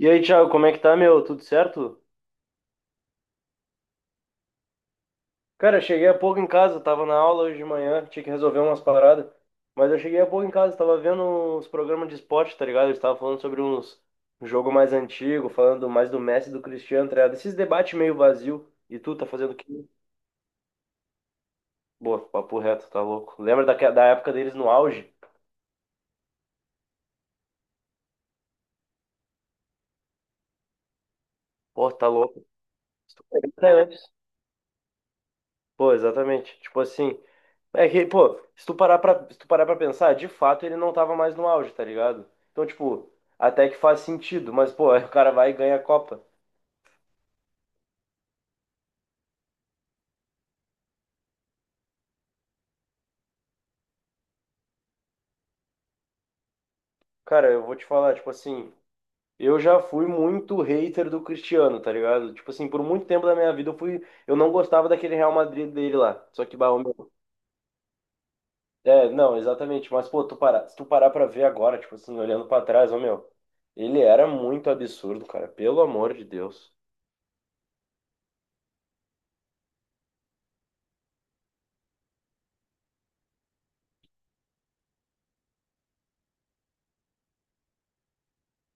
E aí, Thiago, como é que tá, meu? Tudo certo? Cara, eu cheguei há pouco em casa, tava na aula hoje de manhã, tinha que resolver umas paradas. Mas eu cheguei há pouco em casa, tava vendo os programas de esporte, tá ligado? Eles estavam falando sobre uns um jogo mais antigo, falando mais do Messi e do Cristiano, tá ligado? Esses debates meio vazio. E tu tá fazendo o quê? Boa, papo reto, tá louco. Lembra da época deles no auge? Pô, tá louco. Até antes. Pô, exatamente. Tipo assim, é que, pô, se tu parar pra pensar, de fato ele não tava mais no auge, tá ligado? Então, tipo, até que faz sentido, mas, pô, aí o cara vai e ganha a Copa. Cara, eu vou te falar, tipo assim, eu já fui muito hater do Cristiano, tá ligado? Tipo assim, por muito tempo da minha vida eu fui, eu não gostava daquele Real Madrid dele lá. Só que, bah, ô, meu, é, não, exatamente, mas, pô, se tu parar pra ver agora, tipo assim, olhando pra trás, ô, meu, ele era muito absurdo, cara, pelo amor de Deus.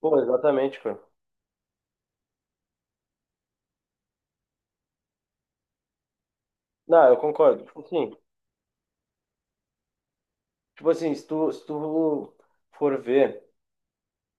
Pô, exatamente, cara. Não, eu concordo. Tipo assim, se tu for ver,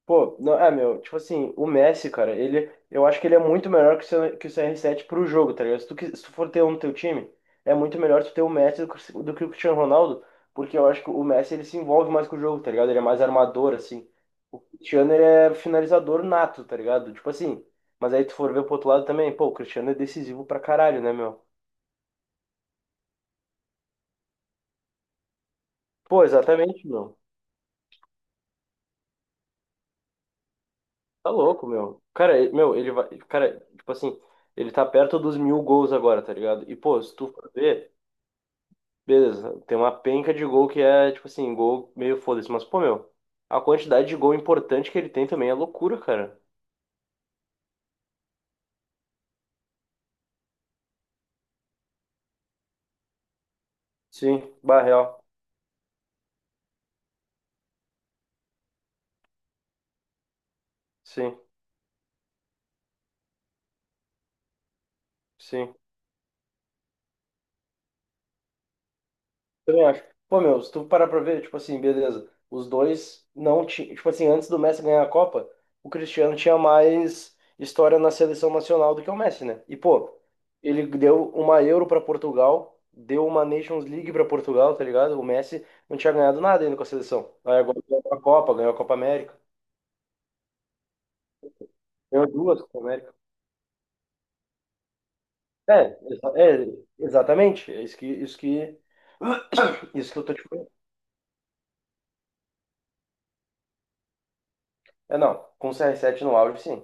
pô, não, é, meu, tipo assim, o Messi, cara, ele, eu acho que ele é muito melhor que o CR7 pro jogo, tá ligado? Se tu for ter um no teu time, é muito melhor tu ter o Messi do que o Cristiano Ronaldo, porque eu acho que o Messi, ele se envolve mais com o jogo, tá ligado? Ele é mais armador, assim. O Cristiano, ele é finalizador nato, tá ligado? Tipo assim, mas aí tu for ver pro outro lado também, pô, o Cristiano é decisivo pra caralho, né, meu? Pô, exatamente, meu. Tá louco, meu. Cara, meu, ele vai. Cara, tipo assim, ele tá perto dos 1.000 gols agora, tá ligado? E, pô, se tu for ver, beleza, tem uma penca de gol que é, tipo assim, gol meio foda-se. Mas, pô, meu, a quantidade de gol importante que ele tem também é loucura, cara. Sim, Barreal. Sim, sim. Também acho. Pô, meu, se tu parar pra ver, tipo assim, beleza. Os dois não tinham. Tipo assim, antes do Messi ganhar a Copa, o Cristiano tinha mais história na seleção nacional do que o Messi, né? E, pô, ele deu uma Euro pra Portugal, deu uma Nations League pra Portugal, tá ligado? O Messi não tinha ganhado nada ainda com a seleção. Aí agora ganhou a Copa América, ganhou duas Copa América. É, é, exatamente. Isso que eu tô te falando. É, não, com o CR7 no auge, sim.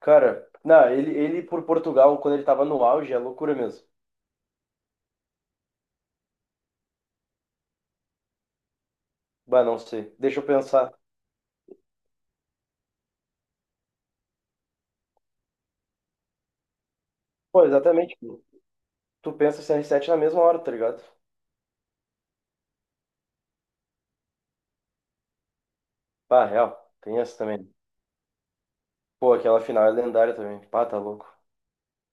Cara, não, ele por Portugal, quando ele tava no auge, é loucura mesmo. Bah, não sei. Deixa eu pensar. Pô, exatamente. Tu pensa CR7 na mesma hora, tá ligado? Pá, real. Tem essa também. Pô, aquela final é lendária também. Pá, tá louco.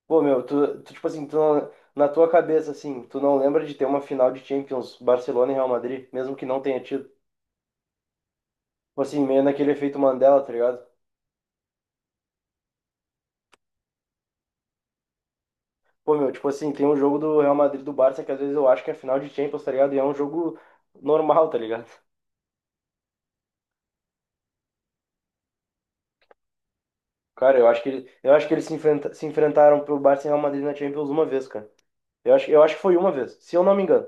Pô, meu, tu tipo assim, tu não- na tua cabeça, assim, tu não lembra de ter uma final de Champions Barcelona e Real Madrid, mesmo que não tenha tido. Tipo assim, meio naquele efeito Mandela, tá ligado? Pô, meu, tipo assim, tem um jogo do Real Madrid e do Barça que às vezes eu acho que é final de Champions, tá ligado? E é um jogo normal, tá ligado? Cara, eu acho que eles se enfrentaram pelo Barça e Real Madrid na Champions uma vez, cara. Eu acho que foi uma vez, se eu não me engano.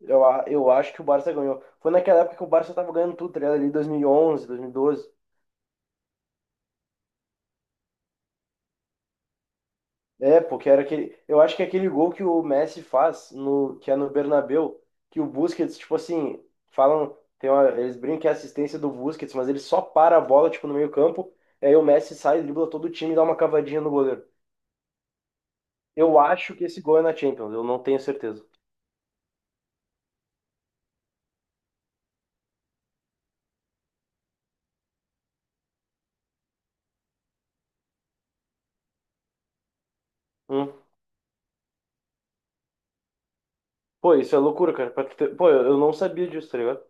Eu acho que o Barça ganhou. Foi naquela época que o Barça tava ganhando tudo, tá ligado? Ali 2011, 2012. É, porque era aquele, eu acho que é aquele gol que o Messi faz no que é no Bernabéu, que o Busquets, tipo assim, falam, tem uma- eles brincam que é assistência do Busquets, mas ele só para a bola tipo no meio-campo, e aí o Messi sai, dribla todo o time e dá uma cavadinha no goleiro. Eu acho que esse gol é na Champions, eu não tenho certeza. Um. Pô, isso é loucura, cara. Pra tu ter- Pô, eu não sabia disso, tá ligado?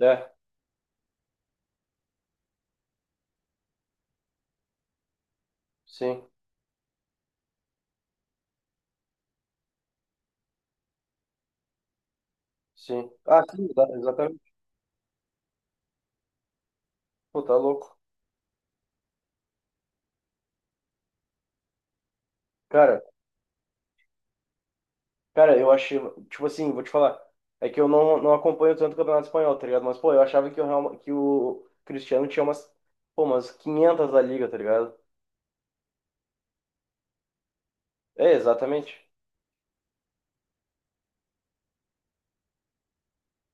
É, sim, sim. Ah, sim, exatamente. Pô, tá louco. Cara, cara, eu achei. Tipo assim, vou te falar. É que eu não acompanho tanto o Campeonato Espanhol, tá ligado? Mas, pô, eu achava que o, que o Cristiano tinha umas, pô, umas 500 da liga, tá ligado? É, exatamente.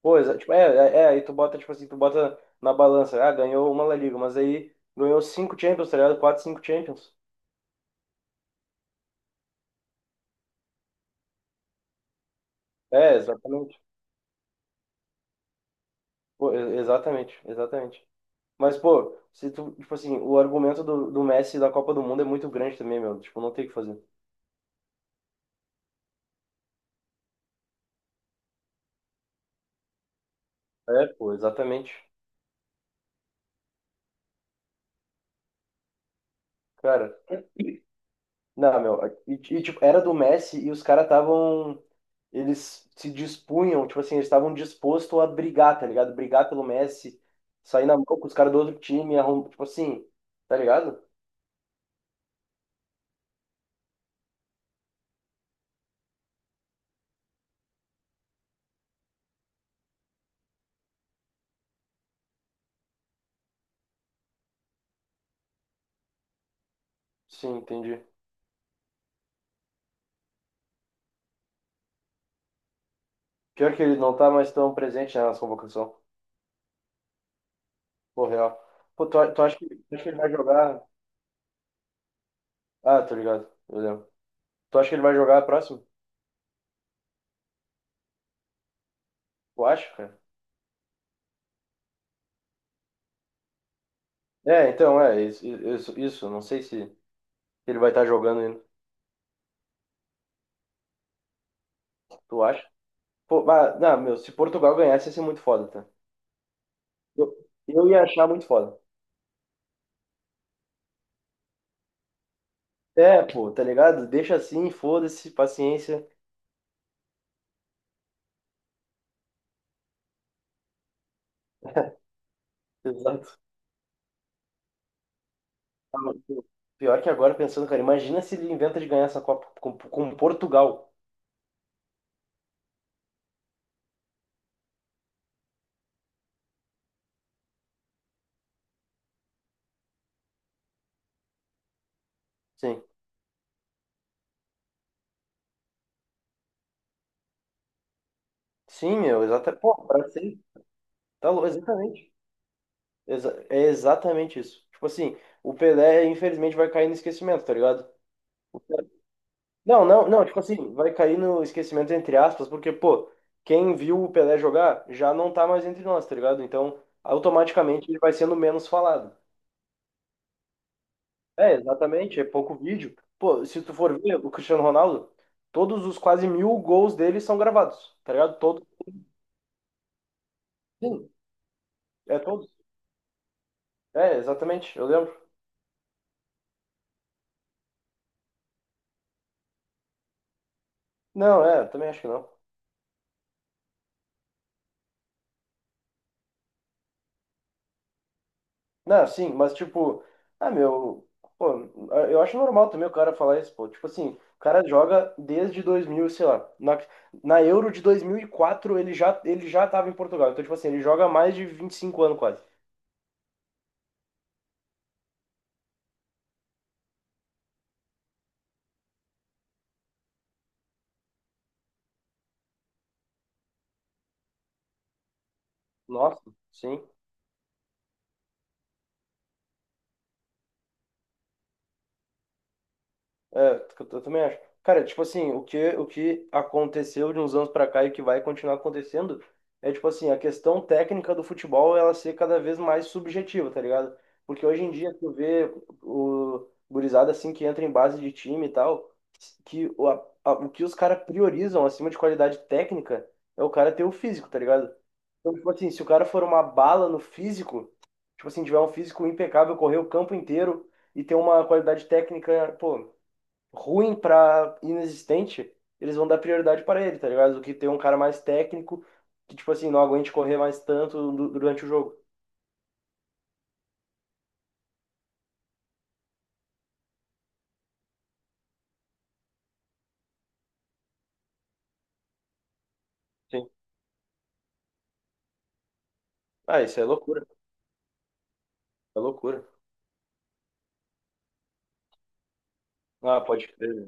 Pô, tipo, aí tu bota, tipo assim, tu bota na balança. Ah, ganhou uma La Liga, mas aí ganhou cinco Champions, tá ligado? Quatro, cinco Champions. É, exatamente. Pô, exatamente, exatamente. Mas, pô, se tu, tipo assim, o argumento do, do Messi da Copa do Mundo é muito grande também, meu. Tipo, não tem o que fazer. É, pô, exatamente. Cara, não, meu. E, tipo, era do Messi e os caras estavam. Eles se dispunham, tipo assim, eles estavam dispostos a brigar, tá ligado? Brigar pelo Messi, sair na mão com os caras do outro time, arrum... tipo assim, tá ligado? Sim, entendi. Pior que ele não tá mais tão presente na nossa convocação. Pô, real. Pô, tu acha que ele vai jogar? Ah, tô ligado, eu lembro. Tu acha que ele vai jogar a próxima? Tu acha, cara? É, então, é, isso, não sei se ele vai estar jogando ainda. Tu acha? Pô, ah, não, meu, se Portugal ganhasse ia ser muito foda, tá? Eu, eu ia achar muito foda. É, pô, tá ligado? Deixa assim, foda-se, paciência. Exato. Ah, mas, pô, pior que agora, pensando, cara, imagina se ele inventa de ganhar essa Copa com Portugal. Sim. Sim, meu, exatamente. Pô, pra ser. Tá, louco. Exatamente. É exatamente isso. Tipo assim, o Pelé, infelizmente, vai cair no esquecimento, tá ligado? Não, não, não, tipo assim, vai cair no esquecimento entre aspas, porque, pô, quem viu o Pelé jogar já não tá mais entre nós, tá ligado? Então, automaticamente ele vai sendo menos falado. É, exatamente, é pouco vídeo. Pô, se tu for ver o Cristiano Ronaldo, todos os quase 1.000 gols dele são gravados, tá ligado? Todos. Sim, é todos. É, exatamente, eu lembro. Não, é, também acho que não. Não, sim, mas tipo, ah, meu, pô, ah, eu acho normal também o cara falar isso, pô. Tipo assim, o cara joga desde 2000 sei lá, na Euro de 2004 ele já tava em Portugal. Então, tipo assim, ele joga há mais de 25 anos quase. Nossa, sim. É, eu também acho. Cara, tipo assim, o que aconteceu de uns anos pra cá e o que vai continuar acontecendo é, tipo assim, a questão técnica do futebol ela ser cada vez mais subjetiva, tá ligado? Porque hoje em dia tu vê o gurizada assim que entra em base de time e tal, que o que os caras priorizam acima de qualidade técnica é o cara ter o físico, tá ligado? Então, tipo assim, se o cara for uma bala no físico, tipo assim, tiver um físico impecável, correr o campo inteiro e ter uma qualidade técnica, pô, ruim pra inexistente, eles vão dar prioridade para ele, tá ligado? Do que ter um cara mais técnico que, tipo assim, não aguente correr mais tanto durante o jogo. Sim. Ah, isso é loucura. É loucura. Ah, pode crer.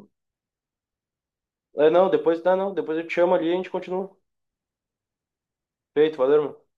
É, não, depois, não, não, depois eu te chamo ali e a gente continua. Feito, valeu, irmão.